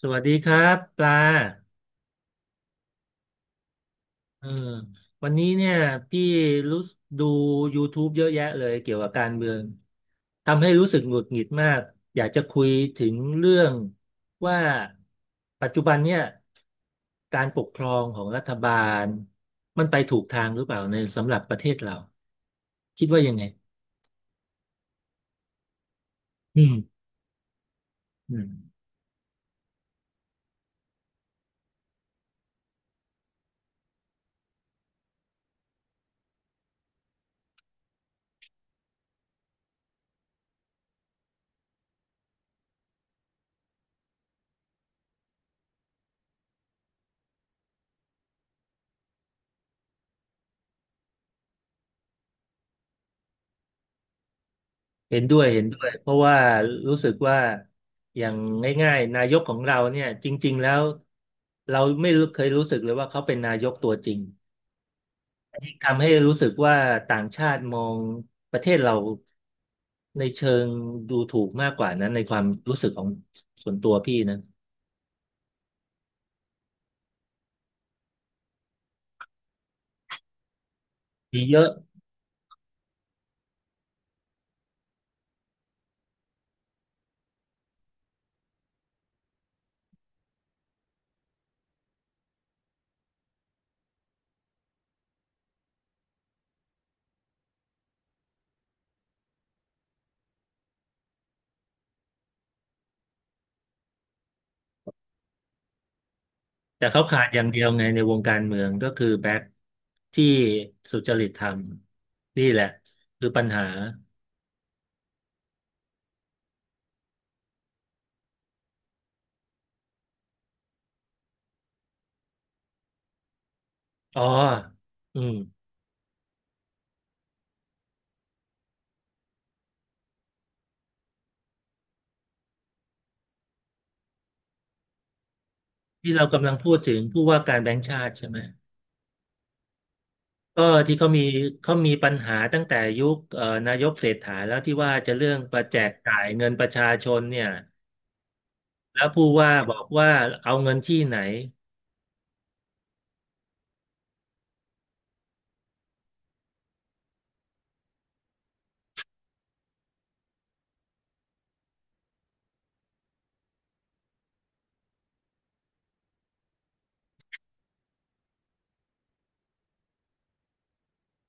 สวัสดีครับปลาเออวันนี้เนี่ยพี่รู้ดู YouTube เยอะแยะเลยเกี่ยวกับการเมือง ทำให้รู้สึกหงุดหงิดมาก อยากจะคุยถึงเรื่องว่าปัจจุบันเนี่ยการปกครองของรัฐบาลมันไปถูกทางหรือเปล่าในสำหรับประเทศเราคิดว่ายังไงอืมอืม เห็นด้วยเห็นด้วยเพราะว่ารู้สึกว่าอย่างง่ายๆนายกของเราเนี่ยจริงๆแล้วเราไม่รู้เคยรู้สึกเลยว่าเขาเป็นนายกตัวจริงอันนี้ทำให้รู้สึกว่าต่างชาติมองประเทศเราในเชิงดูถูกมากกว่านั้นในความรู้สึกของส่วนตัวพี่นะมีเยอะแต่เขาขาดอย่างเดียวไงในวงการเมืองก็คือแบ็คที่สุจริตธรรมนี่แหละคือปัญหาอ๋ออืม ที่เรากำลังพูดถึงผู้ว่าการแบงก์ชาติใช่ไหมก็ที่เขามีเขามีปัญหาตั้งแต่ยุคนายกเศรษฐาแล้วที่ว่าจะเรื่องประแจกจ่ายเงินประชาชนเนี่ยแล้วผู้ว่าบอกว่าเอาเงินที่ไหน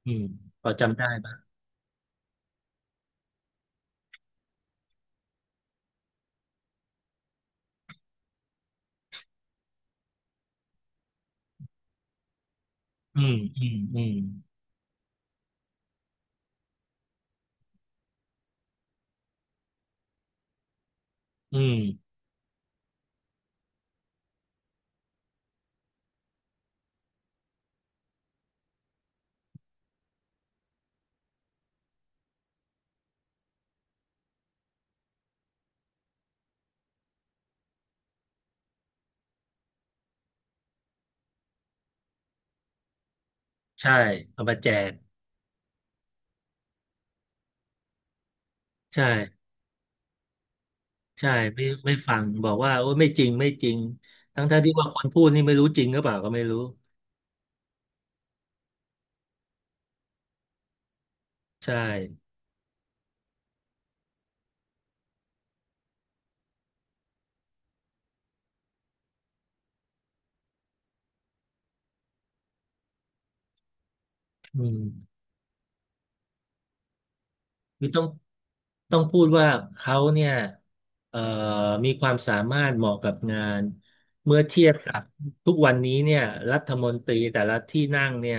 อืมพอจำได้ปะอืมอืมอืมอืมใช่เอามาแจกใช่ใช่ไม่ไม่ฟังบอกว่าโอ้ไม่จริงไม่จริงทั้งๆที่ว่าคนพูดนี่ไม่รู้จริงหรือเปล่าก็ไม่รู้ใช่อืม นี่ต้องพูดว่าเขาเนี่ยเอ่อมีความสามารถเหมาะกับงานเมื่อเทียบกับทุกวันนี้เนี่ยรัฐมนตรีแต่ละที่นั่งเนี่ย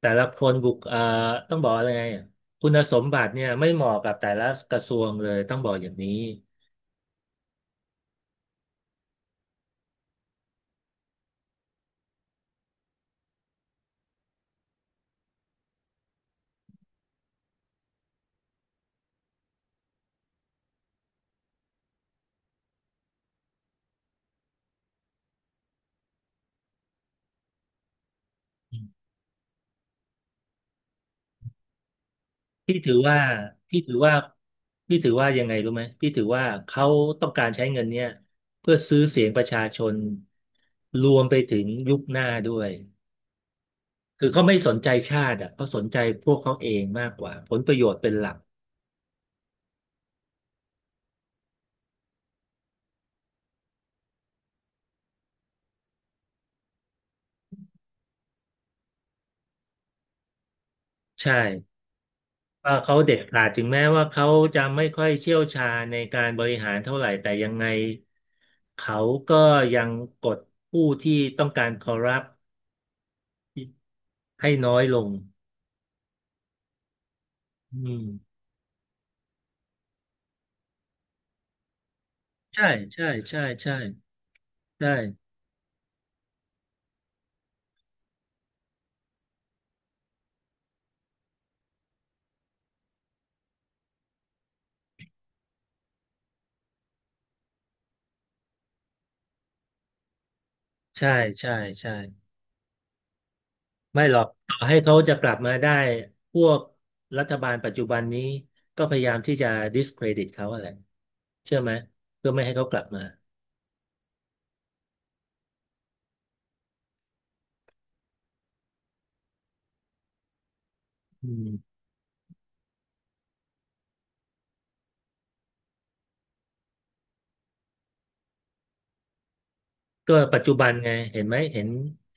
แต่ละคนบุคเอ่อต้องบอกอะไรไงคุณสมบัติเนี่ยไม่เหมาะกับแต่ละกระทรวงเลยต้องบอกอย่างนี้พี่ถือว่าพี่ถือว่าพี่ถือว่ายังไงรู้ไหมพี่ถือว่าเขาต้องการใช้เงินเนี่ยเพื่อซื้อเสียงประชาชนรวมไปถึงยุคหน้าด้วย คือเขาไม่สนใจชาติอ่ะเขาสนใจพวกเขาเองมากกว่าผลประโยชน์เป็นหลักใช่ว่าเขาเด็ดขาดถึงแม้ว่าเขาจะไม่ค่อยเชี่ยวชาญในการบริหารเท่าไหร่แต่ยังไงเขาก็ยังกดผู้ที่ต้องการคอร์รัปให้น้อยลงอืมใช่ใช่ใช่ใช่ใช่ใช่ใช่ใช่ ไม่หรอกต่อให้เขาจะกลับมาได้ พวกรัฐบาลปัจจุบันนี้ก็พยายามที่จะ discredit เขาอะไร เชื่อไหมเพื่อไม่ให้เขากลับมาอืมก็ปัจจุบันไง เห็นไหม เห็น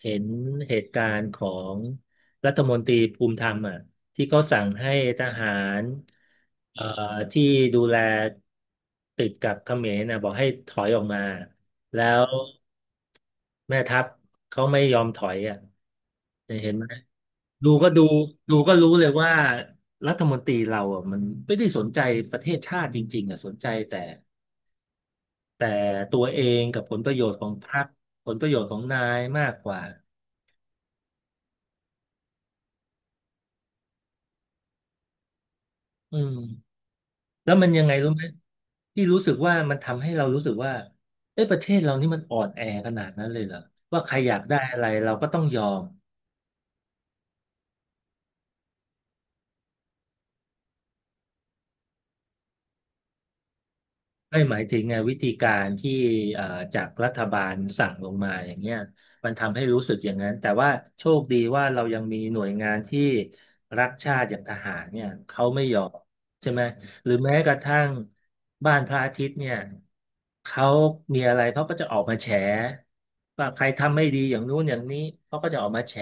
เห็นเหตุการณ์ของรัฐมนตรีภูมิธรรมอ่ะที่เขาสั่งให้ทหารเอ่อที่ดูแลติดกับเขมรนะบอกให้ถอยออกมา แล้วแม่ทัพเขาไม่ยอมถอยอ่ะเห็นไหม ดูก็ดูดูก็รู้เลยว่ารัฐมนตรีเราอ่ะมันไม่ได้สนใจประเทศชาติจริงๆอ่ะสนใจแต่แต่ตัวเองกับผลประโยชน์ของพรรคผลประโยชน์ของนายมากกว่าอืมแล้วมันยังไงรู้ไหมที่รู้สึกว่ามันทำให้เรารู้สึกว่าเอ้ยประเทศเรานี่มันอ่อนแอขนาดนั้นเลยเหรอว่าใครอยากได้อะไรเราก็ต้องยอม ไม่หมายถึงไงวิธีการที่เอ่อจากรัฐบาลสั่งลงมาอย่างเงี้ยมันทำให้รู้สึกอย่างนั้นแต่ว่าโชคดีว่าเรายังมีหน่วยงานที่รักชาติอย่างทหารเนี่ยเขาไม่ยอมใช่ไหมหรือแม้กระทั่งบ้านพระอาทิตย์เนี่ยเขามีอะไรเขาก็จะออกมาแฉว่าใครทำไม่ดีอย่างนู้นอย่างนี้เขาก็จะออกมาแฉ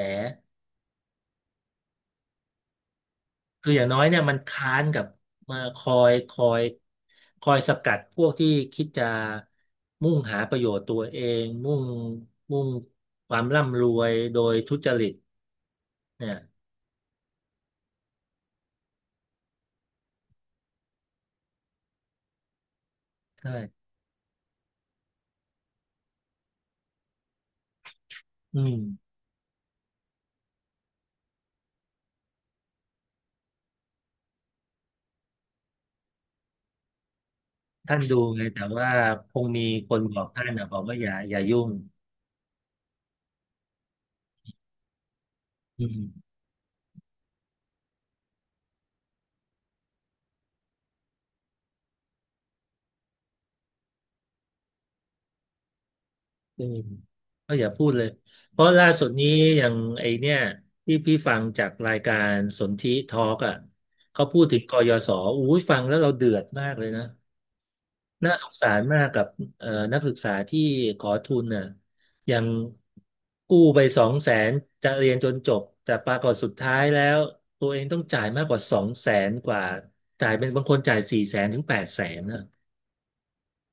คืออย่างน้อยเนี่ยมันค้านกับมาคอยสกัดพวกที่คิดจะมุ่งหาประโยชน์ตัวเองมุ่งความร่ำรวยโดยทุจริตเนี่ยใช่อืมท่านดูไงแต่ว่าคงมีคนบอกท่านนะบอกว่าอย่ายุ่งอืมอืมก็อย่าพูดเลยเพราะล่าสุดนี้อย่างไอเนี่ยที่พี่ฟังจากรายการสนธิทอล์กอ่ะเขาพูดถึงกยศอู้ยฟังแล้วเราเดือดมากเลยนะ น่าสงสารมากกับเอ่อนักศึกษาที่ขอทุนน่ะยังกู้ไปสองแสนจะเรียนจนจบแต่ปรากฏสุดท้ายแล้วตัวเองต้องจ่ายมากกว่าสองแสนกว่าจ่ายเป็นบางคนจ่าย400,000ถึง800,000นะ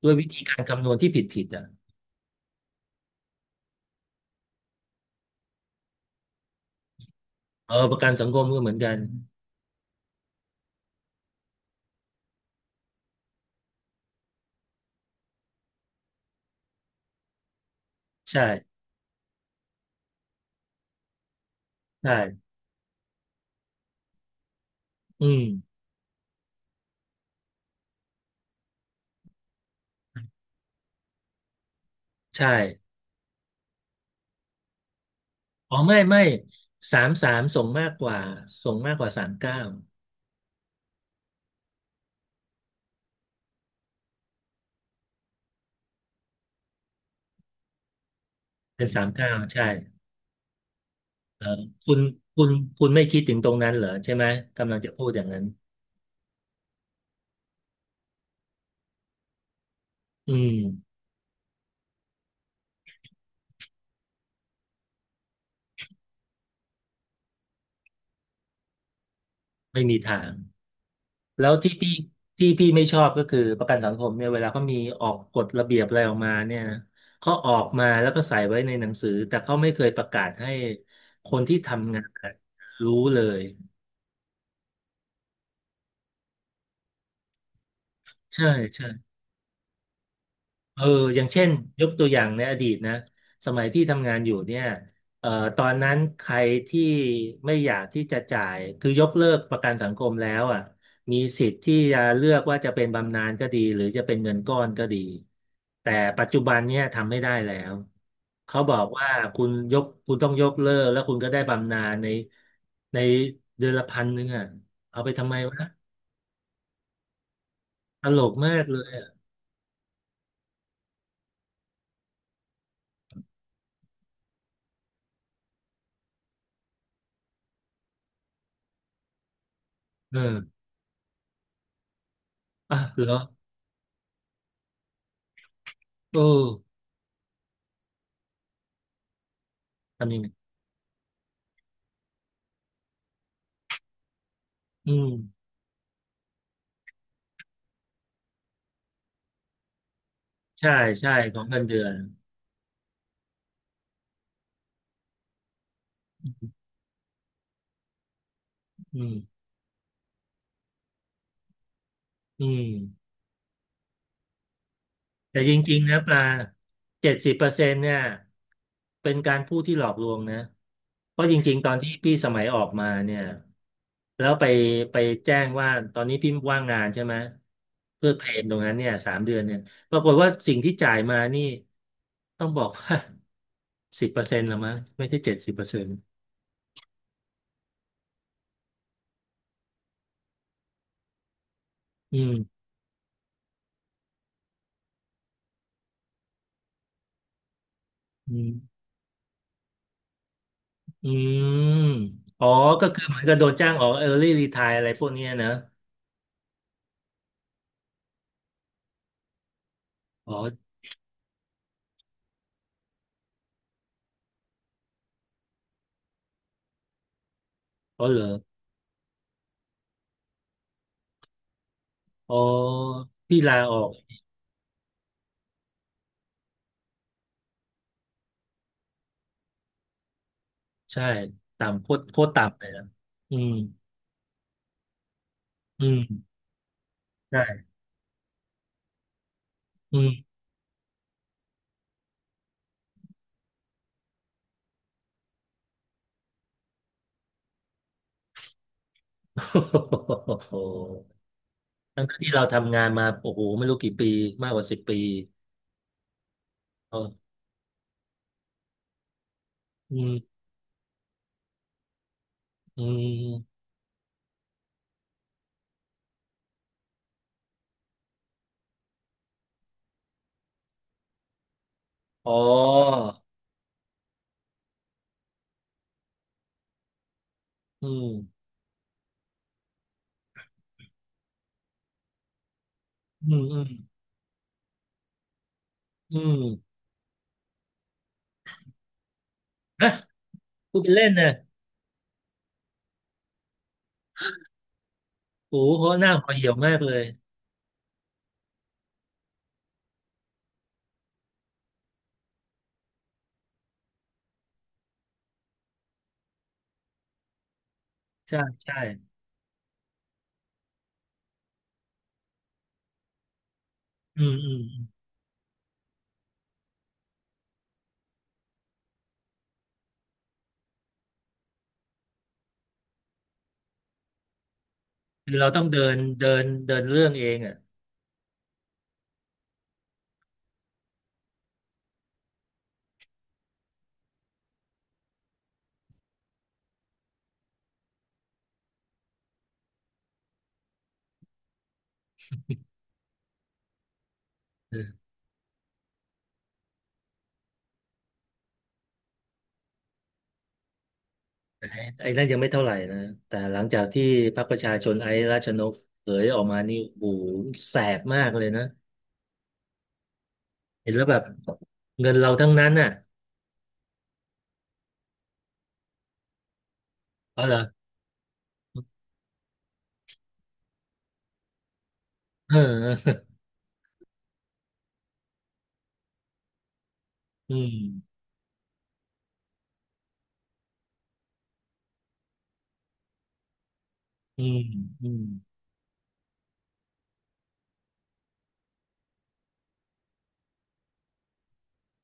ด้วยวิธีการคำนวณที่ผิดผิดอ่ะเออประกันสังคมก็เหมือนกันใช่ใช่อืมใช่อ๋อไม่ไม่33ส่งมากกว่าสามเก้าเป็นสามเก้าใช่ คุณคุณคุณไม่คิดถึงตรงนั้นเหรอใช่ไหมกำลังจะพูดอย่างนั้นอืมไม่มีทางแล้วที่พี่ไม่ชอบก็คือประกันสังคมเนี่ยเวลาเขามีออกกฎระเบียบอะไรออกมาเนี่ยนะเขาออกมาแล้วก็ใส่ไว้ในหนังสือแต่เขาไม่เคยประกาศให้คนที่ทำงานรู้เลยใช่ใช่ เอออย่างเช่น ยกตัวอย่างในอดีตนะสมัยพี่ทำงานอยู่เนี่ยเอ่อตอนนั้นใครที่ไม่อยากที่จะจ่าย คือยกเลิกประกันสังคมแล้วอ่ะมีสิทธิ์ที่จะเลือกว่าจะเป็นบำนาญก็ดี หรือจะเป็นเงินก้อนก็ดี แต่ปัจจุบันเนี่ยทำไม่ได้แล้ว เขาบอกว่าคุณต้องยกเลิกแล้วคุณก็ได้บำนาญในในเดือนละพันหนึ่งอ่ะเอาไปทำไมวะตลกมากเลยอะเอออ่ะเหรอเออทำยังไงอืม ใช่ใช่ของเงินเดือนอืมอืมแต่จริงๆนะปลาเจ็ดสิบเปอร์เซ็นต์เนี่ยเป็นการพูดที่หลอกลวงนะเพราะจริงๆตอนที่พี่สมัยออกมาเนี่ยแล้วไปแจ้งว่าตอนนี้พี่ว่างงานใช่ไหมเพื่อเพลมตรงนั้นเนี่ยสามเดือนเนี่ยปรากฏว่าสิ่งที่จ่ายมานี่ต้องบอกว่าสิบเปอร์เซ็นต์ละมั้งไม่ใช่เจ็ดสิบเปอร์เซ็นต์อืมอืมอืมอ๋อก็คือเหมือนกับโดนจ้างออก early retire อะไรพวกเนี้ยนะ อ๋ออ๋อเหรออ๋อพี่ลาออกใช่ต่ำโคตรโคตรต่ำเลยนะอืมอืมใช่อืม โอ้โหทั้งที่เราทำงานมาโอ้โหไม่รู้กี่ปีมากกว่า10 ปีอ๋ออืมอืมอ๋ออืมอืมอืมอืมนะพูดเป็นเล่นนะโอ้โหเขาหน้าห่อเหี่ยวมากเลยใช่ใช่อืมอืมอืมคือเราต้องเดินเดินเดินเรื่องเองอ่ะ ไอ้ไอ้นั่นยังไม่เท่าไหร่นะแต่หลังจากที่พรรคประชาชนไอ้ราชนกเผยออกมานี่โอ้โหแสบมากเลยนะเห็นแล้วแบบเงินเราทั้งนั้นน่ะเอาเหรอเออ อืมอืมอืม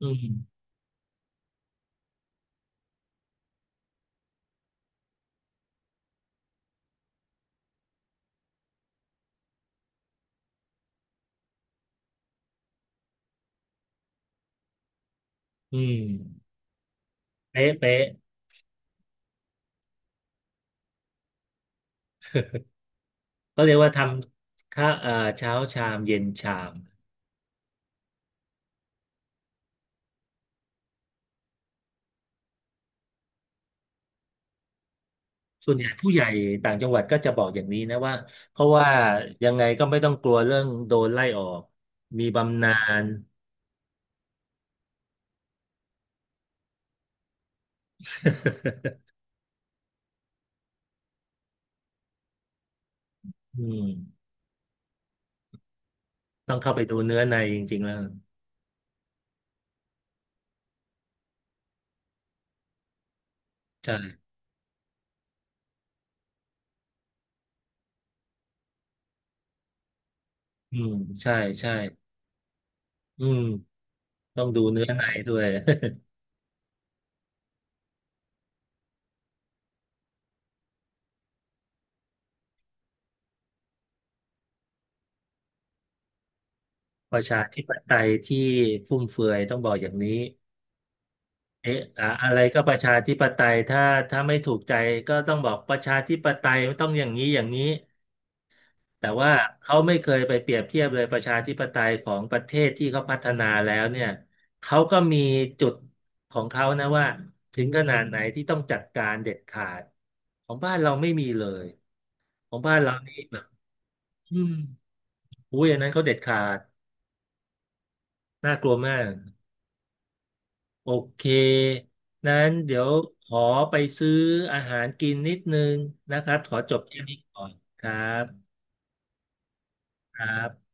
อืมอืมเป๊ะเป๊ะก็เรียกว่าทำข้าเช้าชามเย็นชามส่วนใหญ่ผู้ใหญ่ต่างจังหวัดก็จะบอกอย่างนี้นะว่าเพราะว่ายังไงก็ไม่ต้องกลัวเรื่องโดนไล่ออกมีบำนาญอืม ต้องเข้าไปดูเนื้อในจริงๆแล้วใช่อืมใช่ใช่อืมต้องดูเนื้อในด้วย ประชาธิปไตยที่ฟุ่มเฟือยต้องบอกอย่างนี้เอ๊ะอะอะไรก็ประชาธิปไตยถ้าไม่ถูกใจก็ต้องบอกประชาธิปไตยต้องอย่างนี้อย่างนี้แต่ว่าเขาไม่เคยไปเปรียบเทียบเลยประชาธิปไตยของประเทศที่เขาพัฒนาแล้วเนี่ยเขาก็มีจุดของเขานะว่าถึงขนาดไหนที่ต้องจัดการเด็ดขาดของบ้านเราไม่มีเลย ของบ้านเรานี่แบบอืมอุ้ยอันนั้นเขาเด็ดขาด น่ากลัวมาก โอเค นั้นเดี๋ยวขอไปซื้ออาหารกินนิดนึงนะครับ ขอจบแค่นี้ก่อนครับครับ